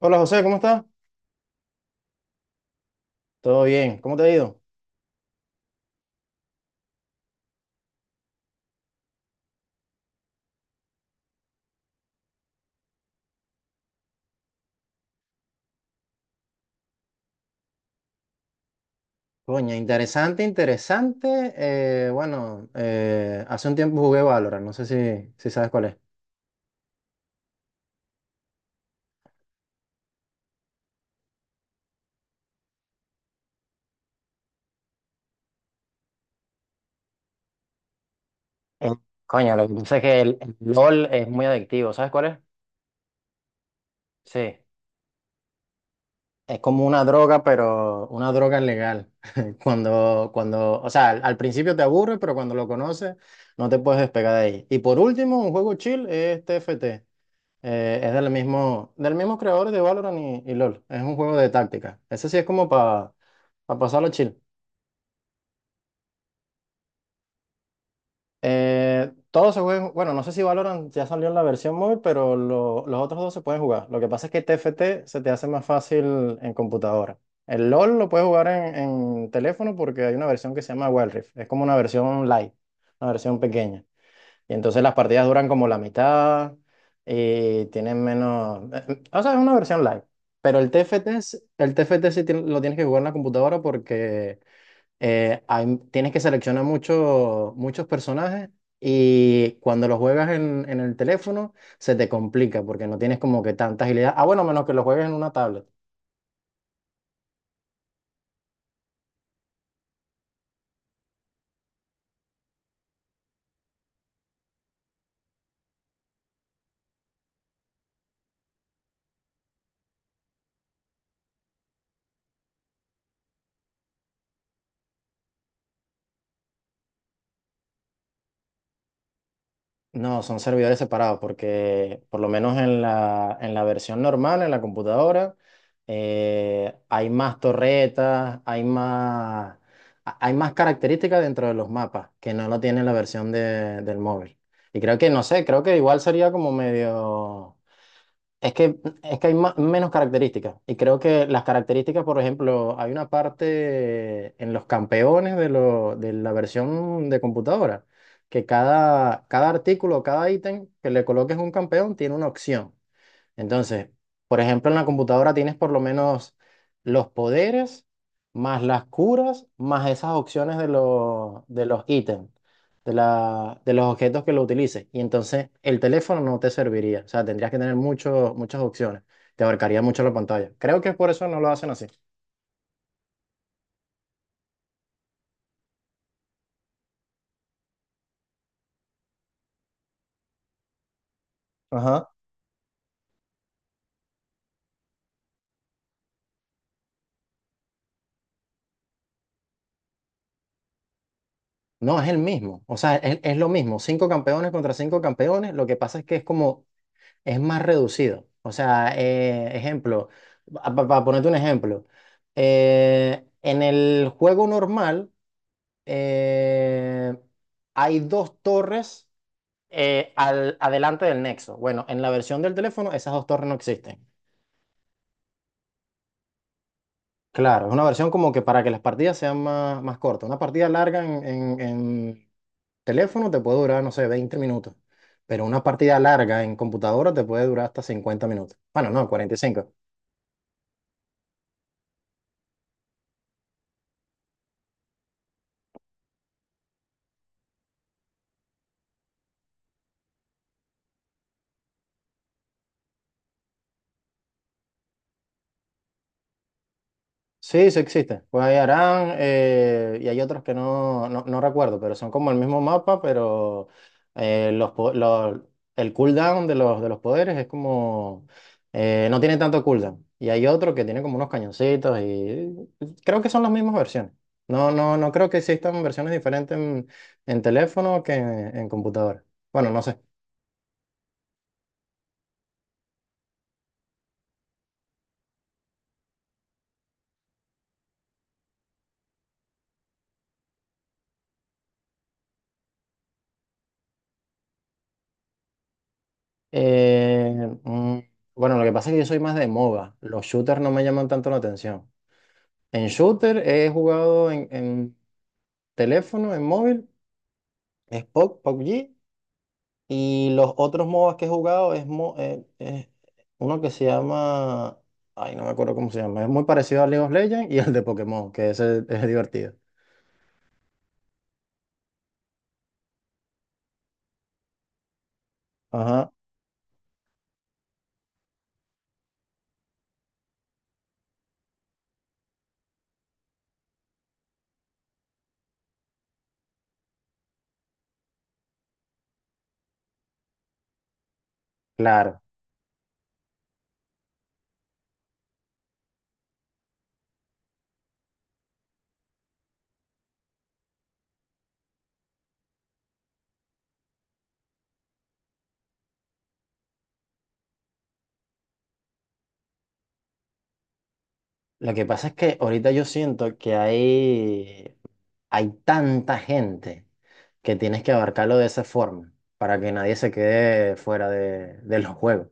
Hola José, ¿cómo estás? Todo bien, ¿cómo te ha ido? Coña, interesante, interesante. Bueno, hace un tiempo jugué Valorant, no sé si sabes cuál es. Eh, Coño, lo que pasa es que el LOL es muy adictivo, ¿sabes cuál es? Sí, es como una droga, pero una droga legal. O sea, al principio te aburre, pero cuando lo conoces no te puedes despegar de ahí. Y por último, un juego chill es TFT. Es del mismo creador de Valorant y LOL. Es un juego de táctica. Ese sí es como para pasarlo chill. Todos se juegan, bueno, no sé si Valorant ya salió en la versión móvil, pero los otros dos se pueden jugar. Lo que pasa es que TFT se te hace más fácil en computadora. El LOL lo puedes jugar en teléfono porque hay una versión que se llama Wild Rift. Es como una versión light, una versión pequeña. Y entonces las partidas duran como la mitad y tienen menos. O sea, es una versión live. Pero el T F T es- el T TFT lo tienes que jugar en la computadora porque tienes que seleccionar muchos personajes y cuando lo juegas en el teléfono se te complica porque no tienes como que tanta agilidad. Ah, bueno, menos que lo juegues en una tablet. No, son servidores separados porque por lo menos en la versión normal, en la computadora, hay más torretas, hay más características dentro de los mapas que no lo tiene la versión del móvil. Y creo que, no sé, creo que igual sería como medio... Es que hay menos características. Y creo que las características, por ejemplo, hay una parte en los campeones de, de la versión de computadora, que cada artículo, cada ítem que le coloques un campeón tiene una opción. Entonces, por ejemplo, en la computadora tienes por lo menos los poderes, más las curas, más esas opciones de los ítems, de de los objetos que lo utilices. Y entonces el teléfono no te serviría. O sea, tendrías que tener muchas opciones. Te abarcaría mucho la pantalla. Creo que por eso no lo hacen así. Ajá. No, es el mismo. O sea, es lo mismo. Cinco campeones contra cinco campeones. Lo que pasa es que es como es más reducido. Para ponerte un ejemplo, en el juego normal eh, hay dos torres adelante del nexo. Bueno, en la versión del teléfono esas dos torres no existen. Claro, es una versión como que para que las partidas sean más cortas. Una partida larga en, en teléfono te puede durar, no sé, 20 minutos. Pero una partida larga en computadora te puede durar hasta 50 minutos. Bueno, no, 45. Sí, sí existe. Pues hay Arán y hay otros que no recuerdo, pero son como el mismo mapa, pero eh, los, po- los- el cooldown de los poderes es como... no tiene tanto cooldown. Y hay otro que tiene como unos cañoncitos y creo que son las mismas versiones. No creo que existan versiones diferentes en, en computadora. Bueno, no sé. Eh, mm, bueno, lo que pasa es que yo soy más de MOBA. Los shooters no me llaman tanto la atención. En shooter he jugado en, en móvil, es PUBG, y los otros MOBAs que he jugado es, es uno que se llama, ay, no me acuerdo cómo se llama, es muy parecido al League of Legends y al de Pokémon, que ese es divertido. Ajá, claro. Lo que pasa es que ahorita yo siento que hay tanta gente que tienes que abarcarlo de esa forma para que nadie se quede fuera de los juegos.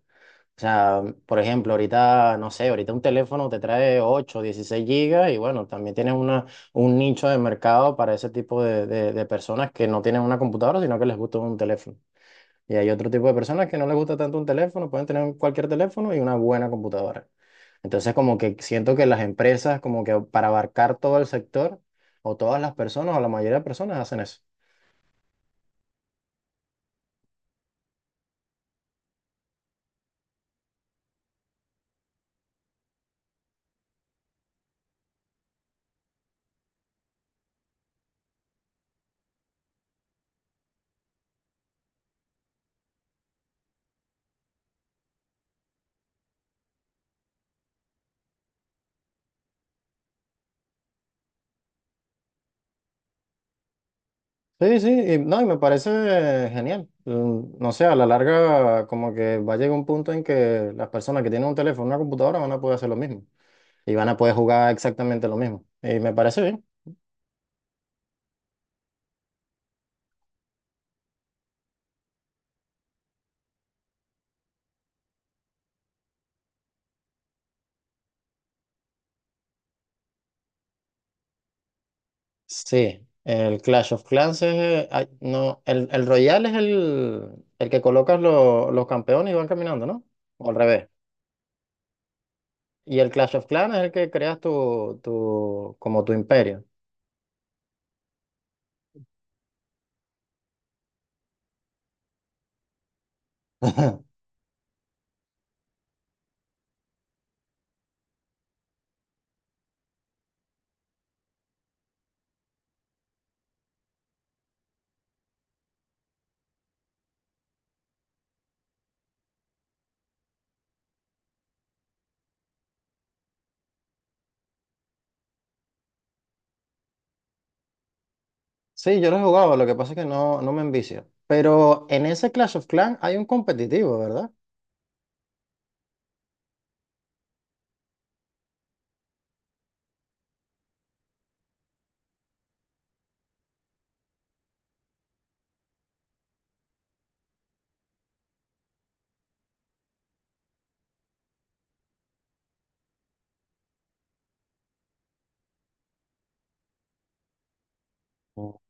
O sea, por ejemplo, ahorita, no sé, ahorita un teléfono te trae 8 16 gigas y bueno, también tienes una, un nicho de mercado para ese tipo de, de personas que no tienen una computadora, sino que les gusta un teléfono. Y hay otro tipo de personas que no les gusta tanto un teléfono, pueden tener cualquier teléfono y una buena computadora. Entonces, como que siento que las empresas, como que para abarcar todo el sector o todas las personas o la mayoría de personas hacen eso. Sí, sí, y, no, y me parece genial. No sé, a la larga como que va a llegar un punto en que las personas que tienen un teléfono, una computadora van a poder hacer lo mismo y van a poder jugar exactamente lo mismo. Y me parece bien. Sí, el Clash of Clans es, ay, no, el Royale es el que colocas los campeones y van caminando, ¿no? O al revés. Y el Clash of Clans es el que creas como tu imperio. Sí, yo lo he jugado, lo que pasa es que no me envicia. Pero en ese Clash of Clans hay un competitivo, ¿verdad? Oh.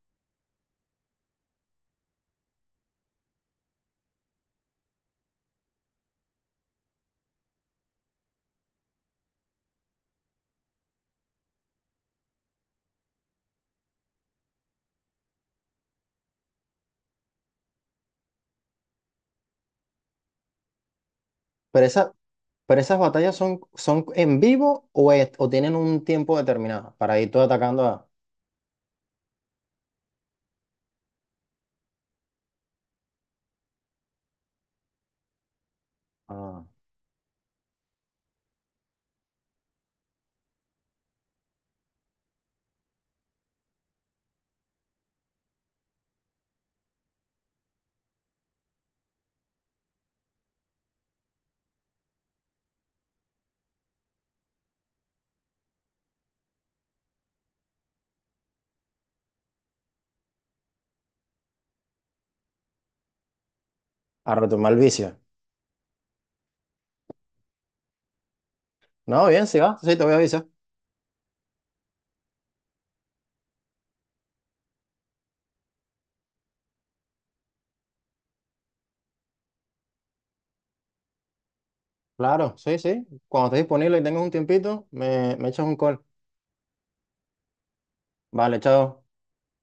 Pero, esa, pero esas batallas son, son en vivo o, o tienen un tiempo determinado para ir tú atacando a, Ah, a retomar el vicio. No, bien, sí va, sí, te voy a avisar. Claro, sí, sí. Cuando estés disponible y tengas un tiempito, me echas un call. Vale, chao.